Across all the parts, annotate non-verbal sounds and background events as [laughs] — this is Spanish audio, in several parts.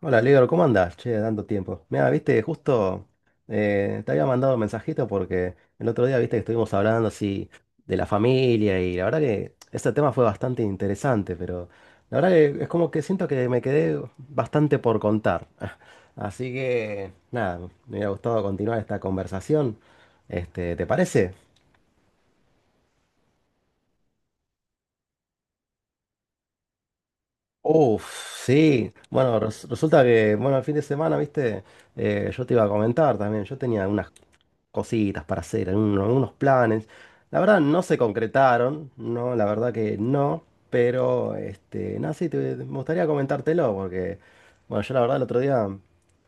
Hola, Lior, ¿cómo andás? Che, tanto tiempo. Mira, viste, justo te había mandado un mensajito porque el otro día, viste, que estuvimos hablando así de la familia y la verdad que ese tema fue bastante interesante, pero la verdad que es como que siento que me quedé bastante por contar. [laughs] Así que, nada, me hubiera gustado continuar esta conversación. Este, ¿te parece? Uf, sí. Bueno, resulta que, bueno, el fin de semana, viste. Yo te iba a comentar también, yo tenía unas cositas para hacer, unos planes. La verdad no se concretaron, no, la verdad que no, pero, este, nada, sí, me gustaría comentártelo, porque, bueno, yo la verdad el otro día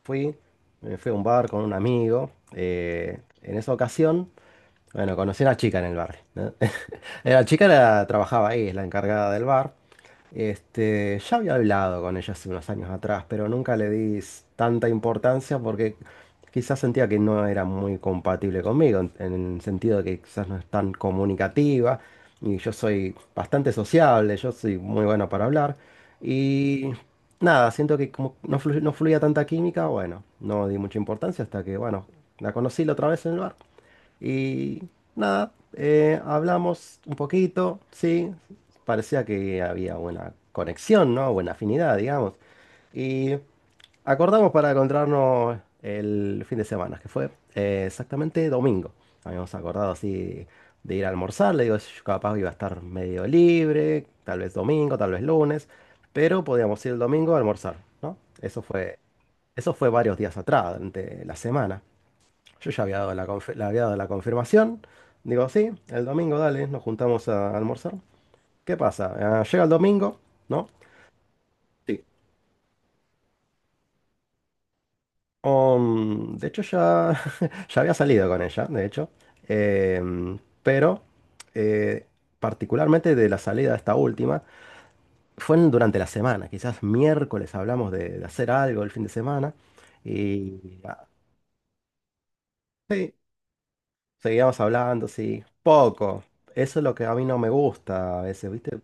fui, me fui a un bar con un amigo, en esa ocasión. Bueno, conocí a una chica en el bar, ¿no? [laughs] La chica trabajaba ahí, es la encargada del bar. Este, ya había hablado con ella hace unos años atrás, pero nunca le di tanta importancia porque quizás sentía que no era muy compatible conmigo, en el sentido de que quizás no es tan comunicativa y yo soy bastante sociable, yo soy muy bueno para hablar. Y nada, siento que como no, no fluía tanta química. Bueno, no di mucha importancia hasta que, bueno, la conocí la otra vez en el bar. Y nada, hablamos un poquito, sí. Parecía que había buena conexión, ¿no? Buena afinidad, digamos. Y acordamos para encontrarnos el fin de semana, que fue exactamente domingo. Habíamos acordado así de ir a almorzar. Le digo, yo capaz iba a estar medio libre, tal vez domingo, tal vez lunes, pero podíamos ir el domingo a almorzar, ¿no? Eso fue varios días atrás, durante la semana. Yo ya había dado le había dado la confirmación. Digo, sí, el domingo, dale, nos juntamos a almorzar. ¿Qué pasa? Ah, llega el domingo, ¿no? Sí. De hecho, ya, [laughs] ya había salido con ella, de hecho. Pero, eh, particularmente de la salida de esta última, fue durante la semana. Quizás miércoles hablamos de hacer algo el fin de semana. Y, ah, sí, seguíamos hablando, sí. Poco. Eso es lo que a mí no me gusta a veces, ¿viste?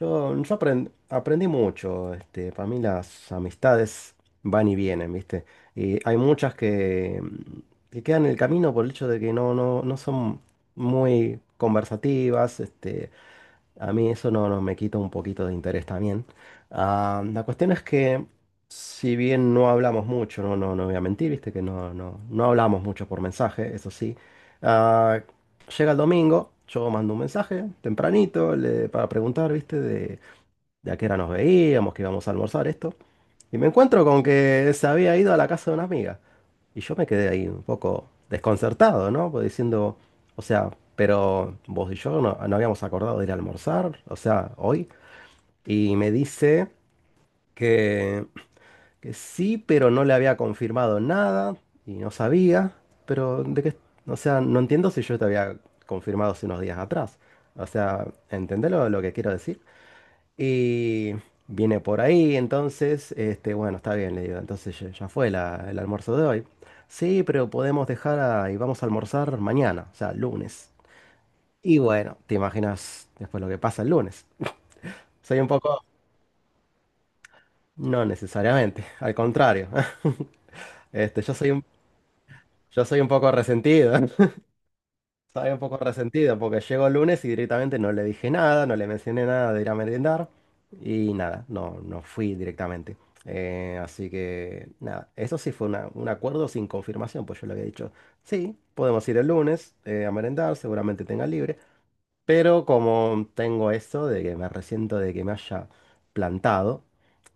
Yo aprendí mucho. Este, para mí las amistades van y vienen, ¿viste? Y hay muchas que quedan en el camino por el hecho de que no son muy conversativas. Este, a mí eso no me quita un poquito de interés también. Ah, la cuestión es que, si bien no hablamos mucho, no voy a mentir, viste que no hablamos mucho por mensaje, eso sí. Ah, llega el domingo, yo mando un mensaje tempranito para preguntar, viste, de a qué hora nos veíamos, que íbamos a almorzar esto. Y me encuentro con que se había ido a la casa de una amiga. Y yo me quedé ahí un poco desconcertado, ¿no? Pues diciendo, o sea, pero vos y yo no habíamos acordado de ir a almorzar, o sea, hoy. Y me dice que, que sí, pero no le había confirmado nada y no sabía, pero de qué, o sea, no entiendo si yo te había confirmado hace unos días atrás. O sea, ¿entendés lo que quiero decir? Y viene por ahí, entonces, este, bueno, está bien, le digo, entonces ya fue el almuerzo de hoy. Sí, pero podemos dejar y vamos a almorzar mañana, o sea, lunes. Y bueno, te imaginas después lo que pasa el lunes. Soy un poco, no necesariamente, al contrario. [laughs] Este, yo soy un poco resentido. [laughs] Estaba un poco resentido porque llegó el lunes y directamente no le dije nada, no le mencioné nada de ir a merendar y nada, no, no fui directamente. Así que nada, eso sí fue un acuerdo sin confirmación, pues yo le había dicho, sí, podemos ir el lunes a merendar, seguramente tenga libre, pero como tengo esto de que me resiento de que me haya plantado,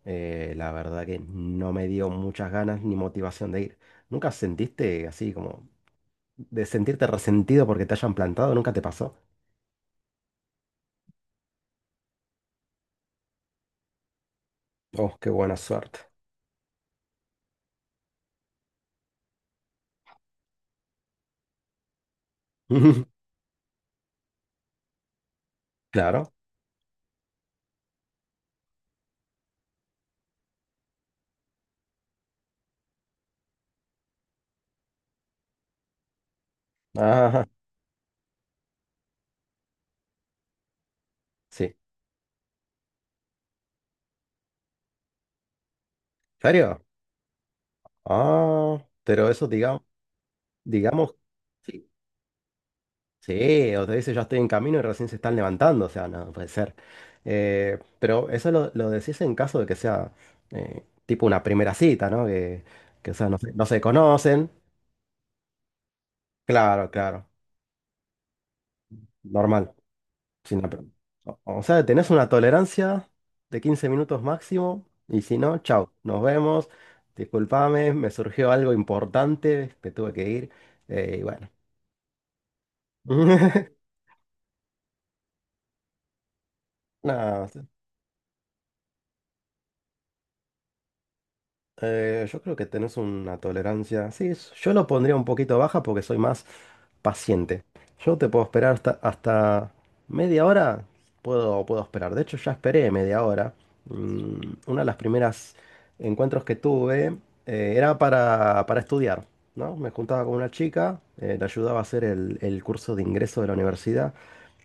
la verdad que no me dio muchas ganas ni motivación de ir. ¿Nunca sentiste así como de sentirte resentido porque te hayan plantado? Nunca te pasó. Oh, qué buena suerte. [laughs] Claro. Ajá. Sí. ¿En serio? Ah, pero eso digamos, digamos, sí. Sí, o te dice ya estoy en camino y recién se están levantando, o sea, no puede ser. Pero eso lo decís en caso de que sea, tipo, una primera cita, ¿no? Que, o sea, no se conocen. Claro, claro. Normal. Sí, no, o sea, tenés una tolerancia de 15 minutos máximo y si no, chao, nos vemos. Disculpame, me surgió algo importante, me tuve que ir. Y bueno. [laughs] No, yo creo que tenés una tolerancia. Sí, yo lo pondría un poquito baja porque soy más paciente. Yo te puedo esperar hasta media hora. Puedo esperar. De hecho, ya esperé media hora. Mm, una de las primeras encuentros que tuve, era para estudiar, ¿no? Me juntaba con una chica, le ayudaba a hacer el curso de ingreso de la universidad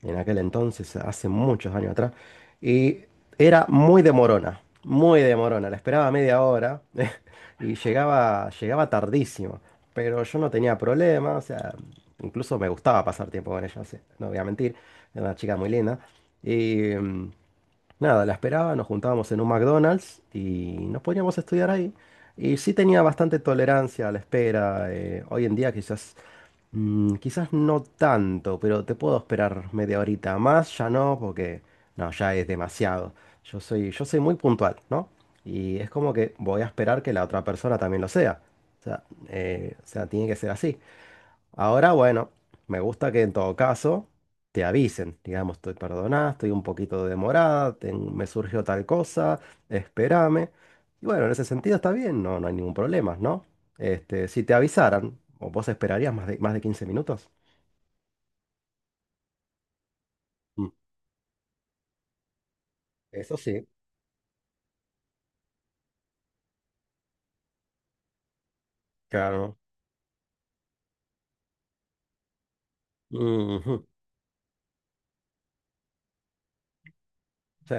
en aquel entonces, hace muchos años atrás. Y era muy demorona, muy demorona. La esperaba media hora [laughs] y llegaba tardísimo. Pero yo no tenía problema, o sea, incluso me gustaba pasar tiempo con ella, o sea, no voy a mentir. Era una chica muy linda. Y nada, la esperaba, nos juntábamos en un McDonald's y nos poníamos a estudiar ahí. Y sí tenía bastante tolerancia a la espera. Hoy en día quizás, quizás no tanto, pero te puedo esperar media horita más, ya no, porque no, ya es demasiado. Yo soy muy puntual, ¿no? Y es como que voy a esperar que la otra persona también lo sea. O sea, o sea, tiene que ser así. Ahora, bueno, me gusta que en todo caso te avisen, digamos, estoy perdonada, estoy un poquito demorada, me surgió tal cosa, espérame. Y bueno, en ese sentido está bien, no, no hay ningún problema, ¿no? Este, si te avisaran, ¿o vos esperarías más de 15 minutos? Mm. Eso sí, claro. Ujú. Sí.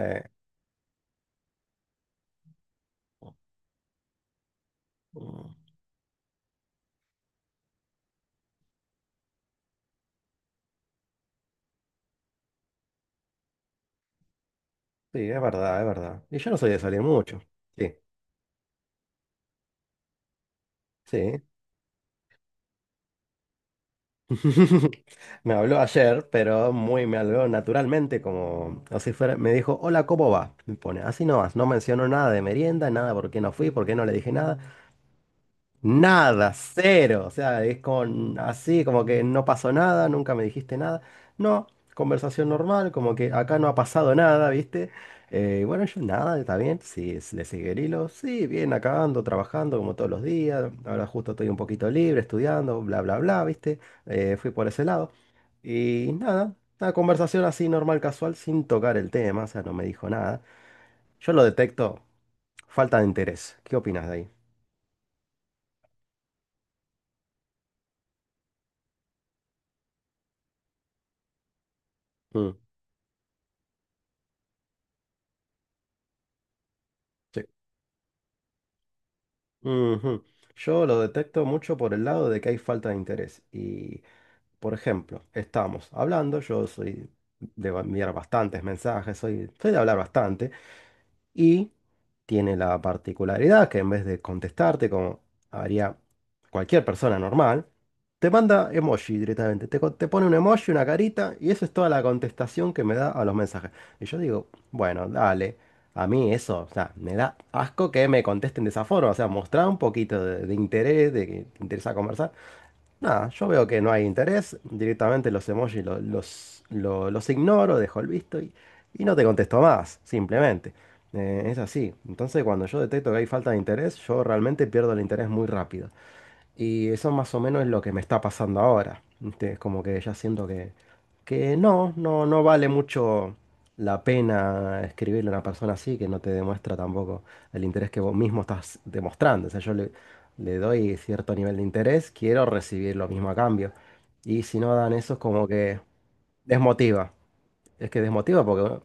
Mm, sí, es verdad, es verdad. Y yo no soy de salir mucho. Sí, sí. [laughs] Me habló ayer, pero muy me habló naturalmente, como así fuera. Me dijo, hola, ¿cómo va? Me pone, así no vas, no mencionó nada de merienda, nada por qué no fui, por qué no le dije nada. Nada, cero. O sea, es con así, como que no pasó nada, nunca me dijiste nada. No, conversación normal, como que acá no ha pasado nada, ¿viste? Bueno, yo nada, está bien. Sí, le sigue el hilo. Sí, bien, acá ando trabajando como todos los días. Ahora justo estoy un poquito libre, estudiando, bla, bla, bla, ¿viste? Fui por ese lado. Y nada, una conversación así normal, casual, sin tocar el tema, o sea, no me dijo nada. Yo lo detecto, falta de interés. ¿Qué opinas de ahí? Mm, sí. Ujú. Yo lo detecto mucho por el lado de que hay falta de interés. Y, por ejemplo, estamos hablando, yo soy de enviar bastantes mensajes, soy de hablar bastante. Y tiene la particularidad que en vez de contestarte como haría cualquier persona normal, te manda emoji directamente. Te pone un emoji, una carita y eso es toda la contestación que me da a los mensajes. Y yo digo, bueno, dale. A mí eso, o sea, me da asco que me contesten de esa forma. O sea, mostrar un poquito de interés, de que te interesa conversar. Nada, yo veo que no hay interés, directamente los emojis los ignoro, dejo el visto y no te contesto más, simplemente. Es así. Entonces, cuando yo detecto que hay falta de interés, yo realmente pierdo el interés muy rápido. Y eso más o menos es lo que me está pasando ahora, ¿viste? Como que ya siento que no vale mucho la pena escribirle a una persona así que no te demuestra tampoco el interés que vos mismo estás demostrando. O sea, yo le doy cierto nivel de interés, quiero recibir lo mismo a cambio. Y si no dan eso es como que desmotiva. Es que desmotiva porque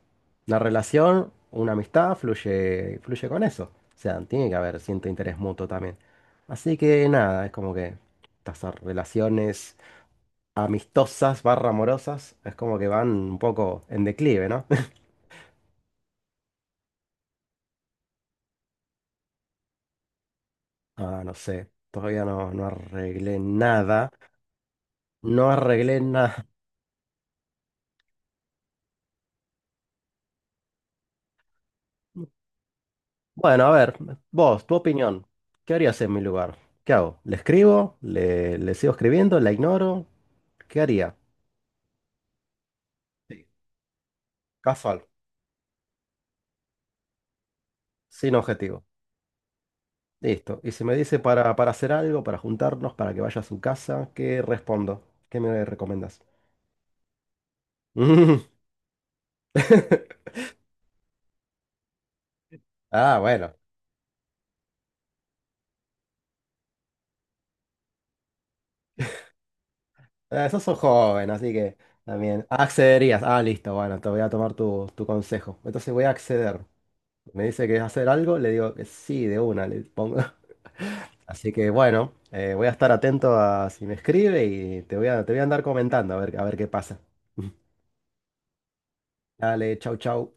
una relación, una amistad fluye, fluye con eso. O sea, tiene que haber cierto interés mutuo también. Así que nada, es como que estas relaciones amistosas barra amorosas es como que van un poco en declive, ¿no? [laughs] Ah, no sé. Todavía no arreglé nada. No arreglé nada. Bueno, a ver, vos, tu opinión. ¿Qué harías en mi lugar? ¿Qué hago? ¿Le escribo? ¿¿Le sigo escribiendo? ¿La ignoro? ¿Qué haría? Sí. Casual. Sin objetivo. Listo. Y si me dice para hacer algo, para juntarnos, para que vaya a su casa, ¿qué respondo? ¿Qué me recomiendas? Mm. [laughs] Ah, bueno. Sos un joven, así que también. Ah, accederías. Ah, listo, bueno, te voy a tomar tu consejo. Entonces voy a acceder. Me dice que es hacer algo, le digo que sí, de una, le pongo. [laughs] Así que bueno, voy a estar atento a si me escribe y te voy a andar comentando a ver qué pasa. [laughs] Dale, chau, chau.